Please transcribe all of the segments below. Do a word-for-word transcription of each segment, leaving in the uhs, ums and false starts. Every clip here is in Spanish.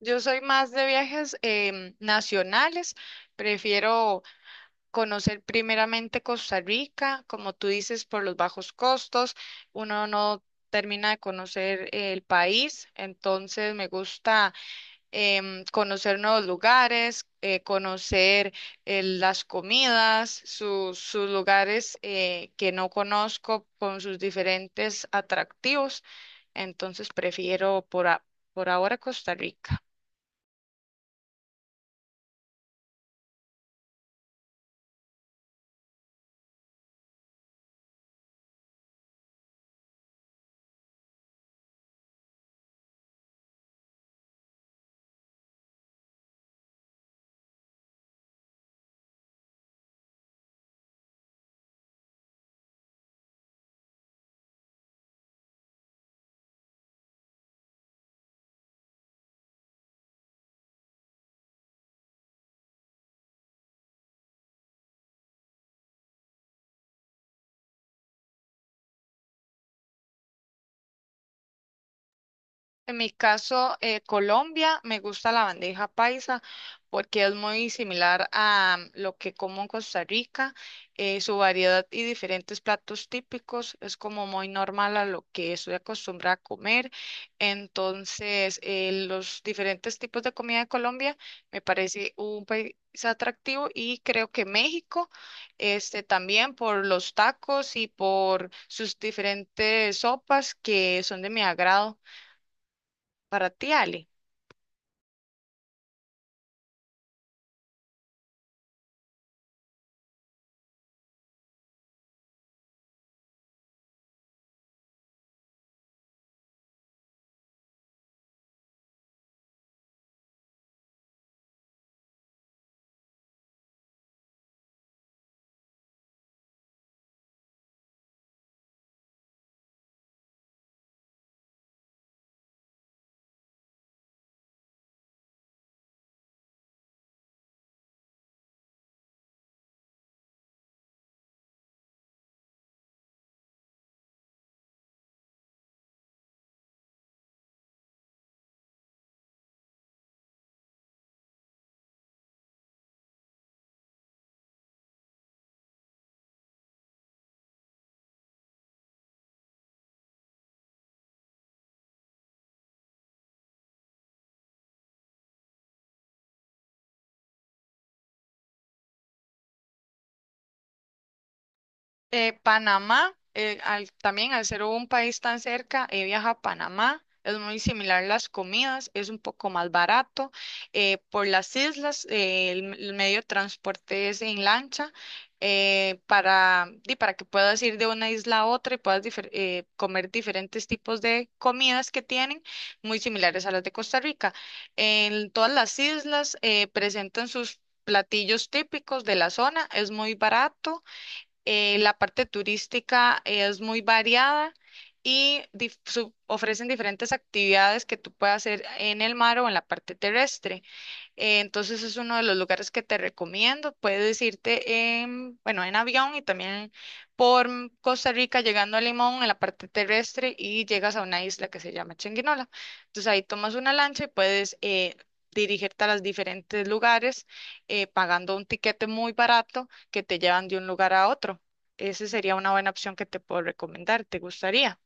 Yo soy más de viajes em, nacionales, prefiero conocer primeramente Costa Rica, como tú dices, por los bajos costos, uno no termina de conocer el país, entonces me gusta em, conocer nuevos lugares, eh, conocer eh, las comidas, sus sus lugares eh, que no conozco con sus diferentes atractivos, entonces prefiero por, a- por ahora Costa Rica. En mi caso, eh, Colombia, me gusta la bandeja paisa porque es muy similar a lo que como en Costa Rica. eh, su variedad y diferentes platos típicos es como muy normal a lo que estoy acostumbrada a comer. Entonces, eh, los diferentes tipos de comida de Colombia me parece un país atractivo y creo que México, este, también por los tacos y por sus diferentes sopas que son de mi agrado. Para ti, Ale. Eh, Panamá, eh, al- también al ser un país tan cerca, he viajado a Panamá. Es muy similar las comidas, es un poco más barato. Eh, por las islas, eh, el, m- el medio de transporte es en lancha eh, para, di, para que puedas ir de una isla a otra y puedas difer- eh, comer diferentes tipos de comidas que tienen, muy similares a las de Costa Rica. En todas las islas eh, presentan sus platillos típicos de la zona, es muy barato. Eh, la parte turística es muy variada y dif- su- ofrecen diferentes actividades que tú puedes hacer en el mar o en la parte terrestre. Eh, entonces es uno de los lugares que te recomiendo. Puedes irte en, bueno, en avión y también por Costa Rica llegando a Limón en la parte terrestre y llegas a una isla que se llama Changuinola. Entonces ahí tomas una lancha y puedes eh, dirigirte a los diferentes lugares eh, pagando un tiquete muy barato que te llevan de un lugar a otro. Esa sería una buena opción que te puedo recomendar. ¿Te gustaría?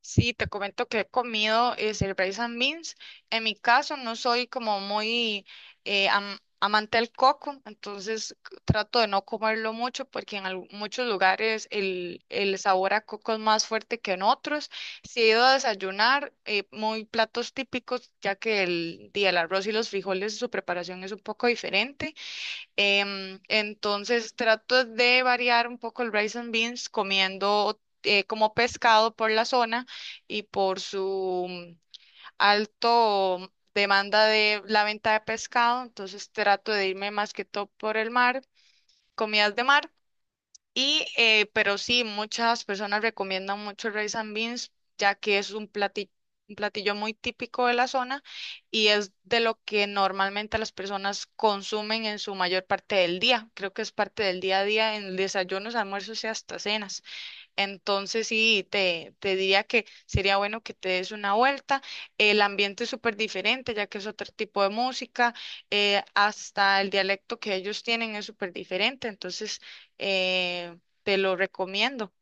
Sí, te comento que he comido eh, rice and beans. En mi caso, no soy como muy eh, am- amante del coco, entonces c- trato de no comerlo mucho porque en algu- muchos lugares el, el sabor a coco es más fuerte que en otros. Si he ido a desayunar, eh, muy platos típicos, ya que el, día el arroz y los frijoles, su preparación es un poco diferente. Em, entonces trato de variar un poco el rice and beans comiendo eh, como pescado por la zona y por su mm, alto demanda de la venta de pescado. Entonces trato de irme más que todo por el mar, comidas de mar. Y, eh, pero sí, muchas personas recomiendan mucho el rice and beans, ya que es un platillo, un platillo muy típico de la zona y es de lo que normalmente las personas consumen en su mayor parte del día. Creo que es parte del día a día en desayunos, almuerzos y hasta cenas. Entonces sí, te, te diría que sería bueno que te des una vuelta. El ambiente es súper diferente, ya que es otro tipo de música. Eh, hasta el dialecto que ellos tienen es súper diferente. Entonces, eh, te lo recomiendo.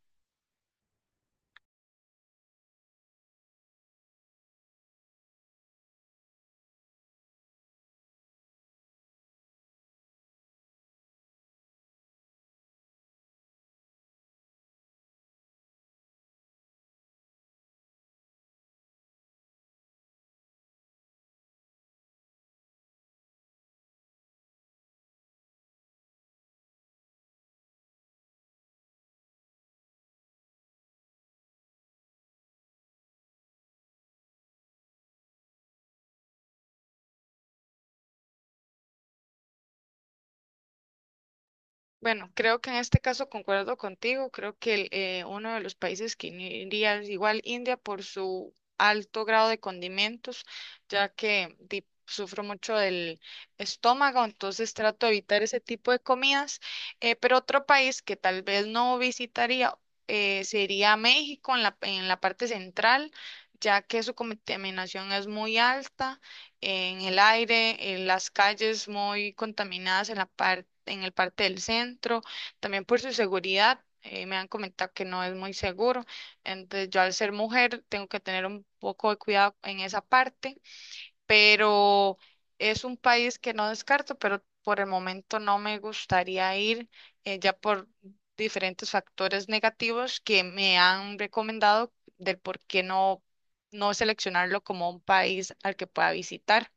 Bueno, creo que en este caso concuerdo contigo. Creo que el, eh, uno de los países que iría es igual India por su alto grado de condimentos, ya que di- sufro mucho del estómago, entonces trato de evitar ese tipo de comidas. Eh, pero otro país que tal vez no visitaría eh, sería México en la, en la parte central, ya que su contaminación es muy alta en el aire, en las calles muy contaminadas en la parte, en el parte del centro, también por su seguridad. Eh, me han comentado que no es muy seguro, entonces yo al ser mujer tengo que tener un poco de cuidado en esa parte, pero es un país que no descarto, pero por el momento no me gustaría ir eh, ya por diferentes factores negativos que me han recomendado del por qué no, no seleccionarlo como un país al que pueda visitar.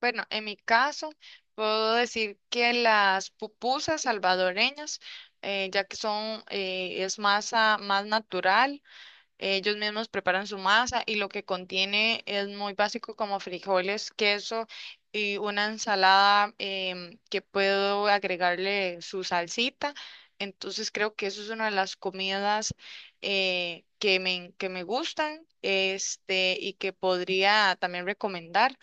Bueno, en mi caso, puedo decir que las pupusas salvadoreñas, eh, ya que son, eh, es masa más natural, ellos mismos preparan su masa y lo que contiene es muy básico como frijoles, queso y una ensalada em, que puedo agregarle su salsita. Entonces creo que eso es una de las comidas eh, que me, que me gustan, este, y que podría también recomendar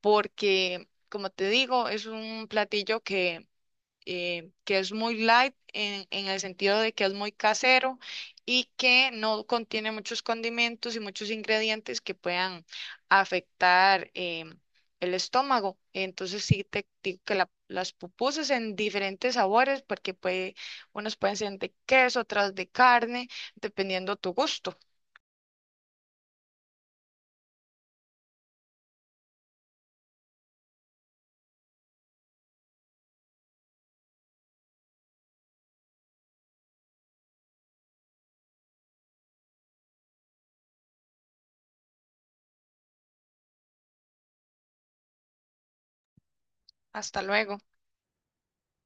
porque, como te digo, es un platillo que, eh, que es muy light en, en el sentido de que es muy casero y que no contiene muchos condimentos y muchos ingredientes que puedan afectar eh, el estómago. Entonces sí te digo que la- las pupusas en diferentes sabores, porque puede, unas pueden ser de queso, otras de carne, dependiendo tu gusto. Hasta luego.